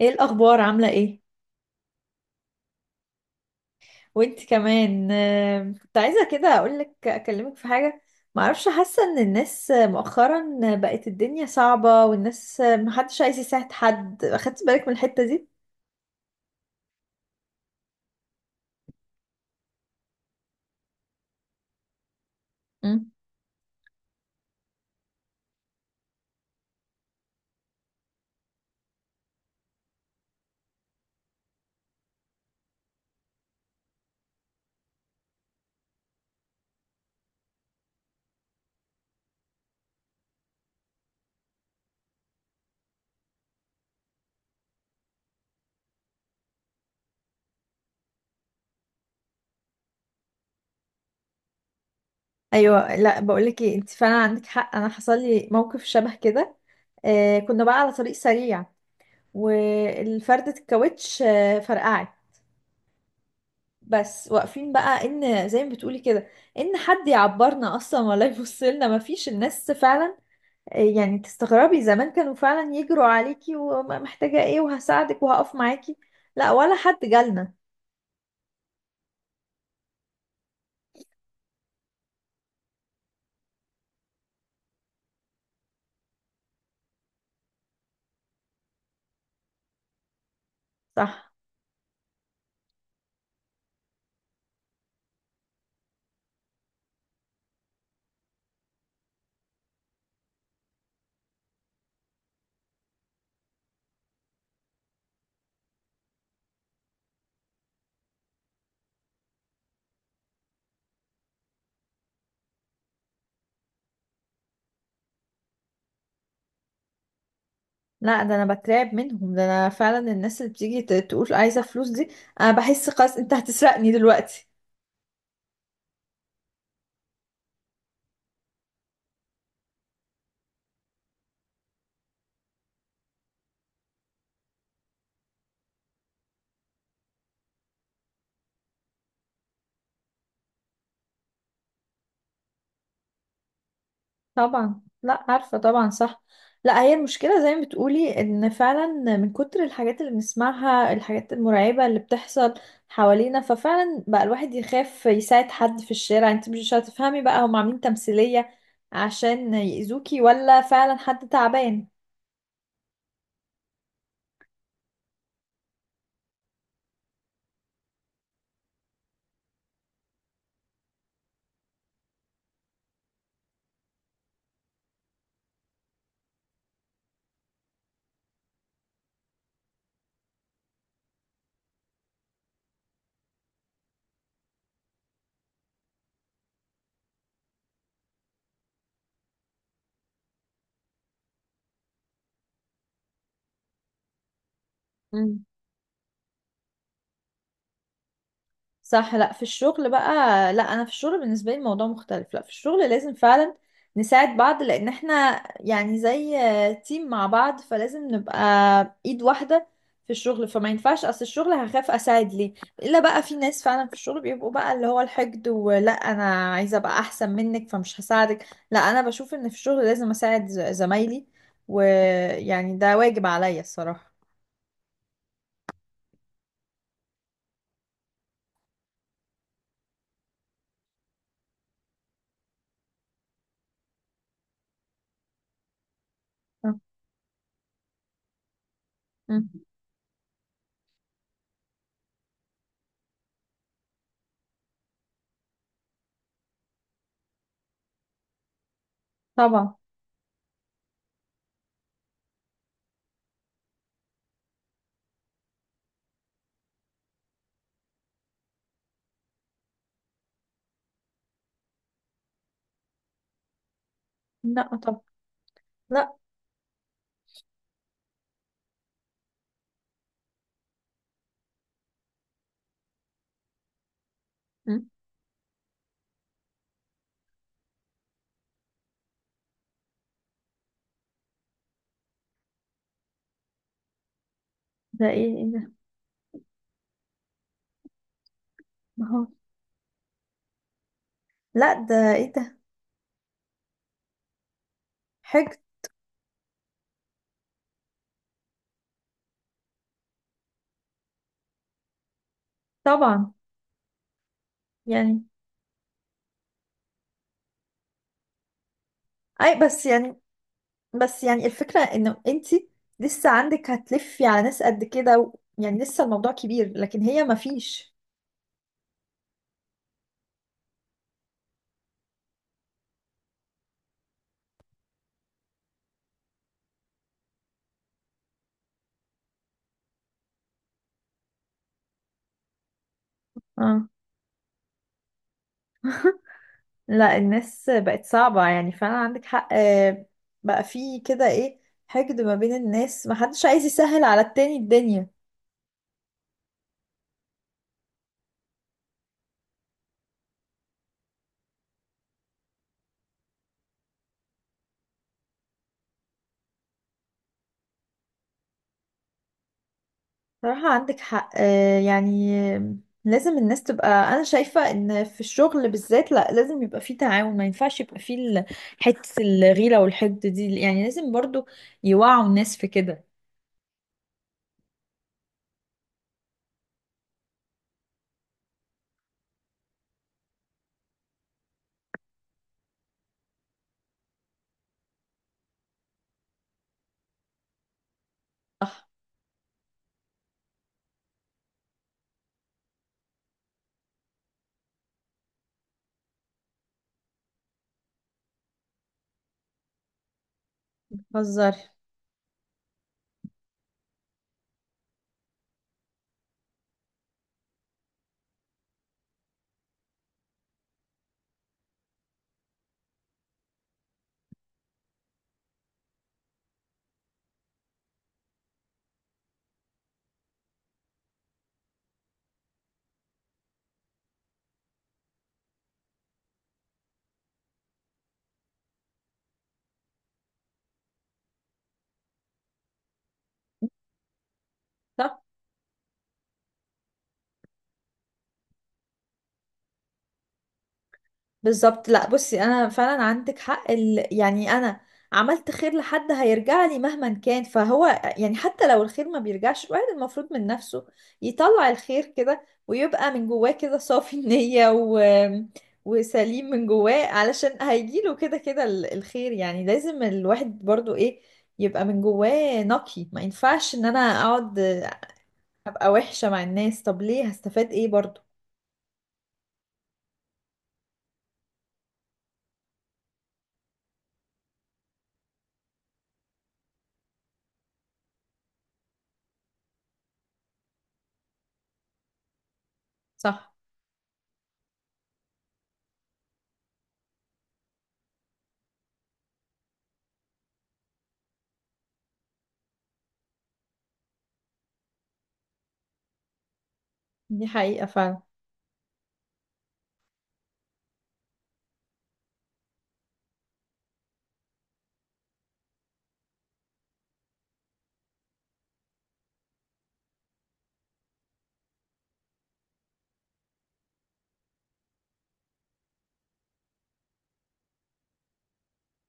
ايه الاخبار؟ عامله ايه؟ وانت كمان. كنت عايزه كده اقولك، اكلمك في حاجه. ما اعرفش، حاسه ان الناس مؤخرا بقت الدنيا صعبه، والناس محدش عايز يساعد حد. اخدت بالك من الحته دي؟ مم. ايوه، لا بقولك ايه، انت فعلا عندك حق. انا حصل لي موقف شبه كده. كنا بقى على طريق سريع، والفردة الكاوتش فرقعت. بس واقفين بقى، ان زي ما بتقولي كده، ان حد يعبرنا اصلا ولا يبص لنا، مفيش الناس فعلا. يعني تستغربي، زمان كانوا فعلا يجروا عليكي ومحتاجة ايه، وهساعدك وهقف معاكي. لا ولا حد جالنا. صح. لا، ده انا بترعب منهم. ده انا فعلا، الناس اللي بتيجي تقول عايزة فلوس دي، انا بحس خلاص انت هتسرقني دلوقتي. طبعا. لا عارفة، طبعا صح. لا، هي المشكلة زي ما بتقولي ان فعلا من كتر الحاجات اللي بنسمعها، الحاجات المرعبة اللي بتحصل حوالينا، ففعلا بقى الواحد يخاف يساعد حد في الشارع. انت مش هتفهمي بقى، هم عاملين تمثيلية عشان يأذوكي، ولا فعلا حد تعبان؟ صح. لا في الشغل بقى. لا انا في الشغل بالنسبه لي الموضوع مختلف. لا في الشغل لازم فعلا نساعد بعض، لان احنا يعني زي تيم مع بعض، فلازم نبقى ايد واحده في الشغل. فما ينفعش، اصل الشغل هخاف اساعد ليه؟ الا بقى في ناس فعلا في الشغل بيبقوا بقى اللي هو الحقد، ولا انا عايزه ابقى احسن منك فمش هساعدك. لا انا بشوف ان في الشغل لازم اساعد زمايلي، ويعني ده واجب عليا الصراحه. آه. مم. طبعا. لا. طبعا. لا. مم. ده ايه؟ ما هو. لا ده ايه ده؟ حج. طبعا يعني. اي، بس يعني، بس يعني الفكرة انه انتي لسه عندك هتلفي على ناس قد كده يعني لسه الموضوع كبير، لكن هي ما فيش. اه. لا الناس بقت صعبة يعني، فعلا عندك حق. آه. بقى في كده ايه، حقد ما بين الناس، ما حدش عايز يسهل على التاني الدنيا. صراحة عندك حق. يعني لازم الناس تبقى، أنا شايفة إن في الشغل بالذات لا لازم يبقى فيه تعاون. ما ينفعش يبقى فيه حتة الغيرة والحقد دي، يعني لازم برضو يوعوا الناس في كده. صح. بهزر. بالظبط. لا بصي، انا فعلا عندك حق. يعني انا عملت خير لحد هيرجع لي مهما كان. فهو يعني، حتى لو الخير ما بيرجعش، الواحد المفروض من نفسه يطلع الخير كده، ويبقى من جواه كده صافي النية، وسليم من جواه، علشان هيجيله كده كده الخير. يعني لازم الواحد برضو ايه، يبقى من جواه نقي. ما ينفعش ان انا اقعد ابقى وحشة مع الناس. طب ليه؟ هستفاد ايه برضو؟ صح. دي حقيقة فعلا.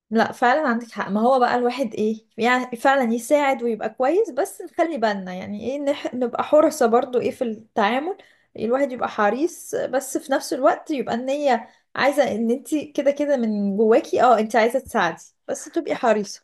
لا فعلا عندك حق. ما هو بقى الواحد ايه، يعني فعلا يساعد ويبقى كويس، بس نخلي بالنا، يعني ايه، نبقى حرصة برضو ايه في التعامل. الواحد يبقى حريص، بس في نفس الوقت يبقى النية عايزة ان انت كده كده من جواكي اه انت عايزة تساعدي، بس تبقي حريصة.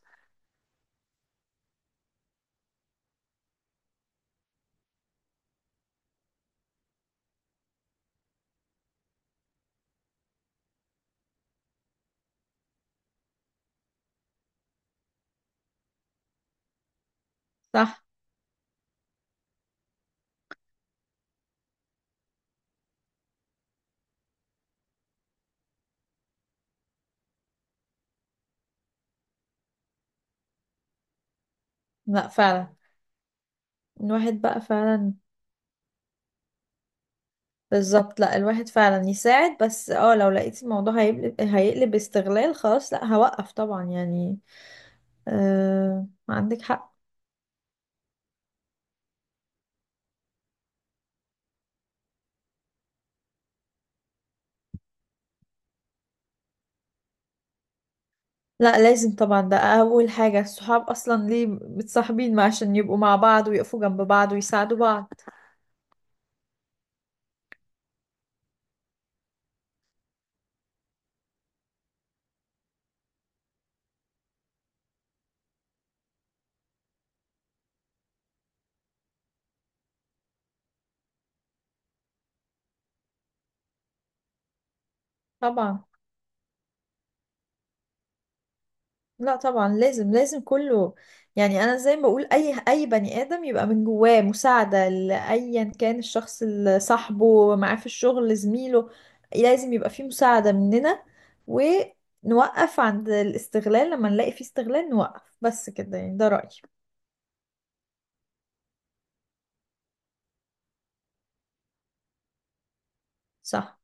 صح. لا فعلا الواحد بقى فعلا. بالظبط. لا الواحد فعلا يساعد، بس اه لو لقيت الموضوع هيقلب، هيقلب استغلال خلاص، لا هوقف طبعا يعني. عندك حق. لا لازم طبعا، ده اول حاجة. الصحاب اصلا ليه متصاحبين؟ ما عشان يبقوا مع بعض ويقفوا جنب بعض ويساعدوا بعض. طبعا. لا طبعا لازم لازم كله يعني. انا زي ما بقول، اي بني ادم يبقى من جواه مساعدة، لايا كان الشخص، اللي صاحبه معاه في الشغل، زميله، لازم يبقى فيه مساعدة مننا. ونوقف عند الاستغلال، لما نلاقي فيه استغلال نوقف بس كده يعني. ده رأيي. صح.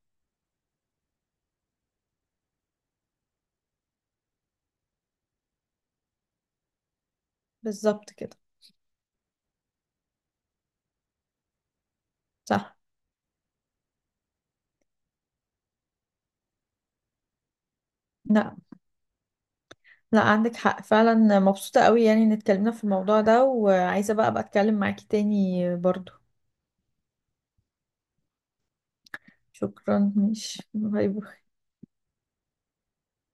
بالظبط كده. صح. لا عندك حق فعلا. مبسوطة قوي يعني ان اتكلمنا في الموضوع ده، وعايزة بقى اتكلم معاكي تاني برضو. شكرا، مش باي باي.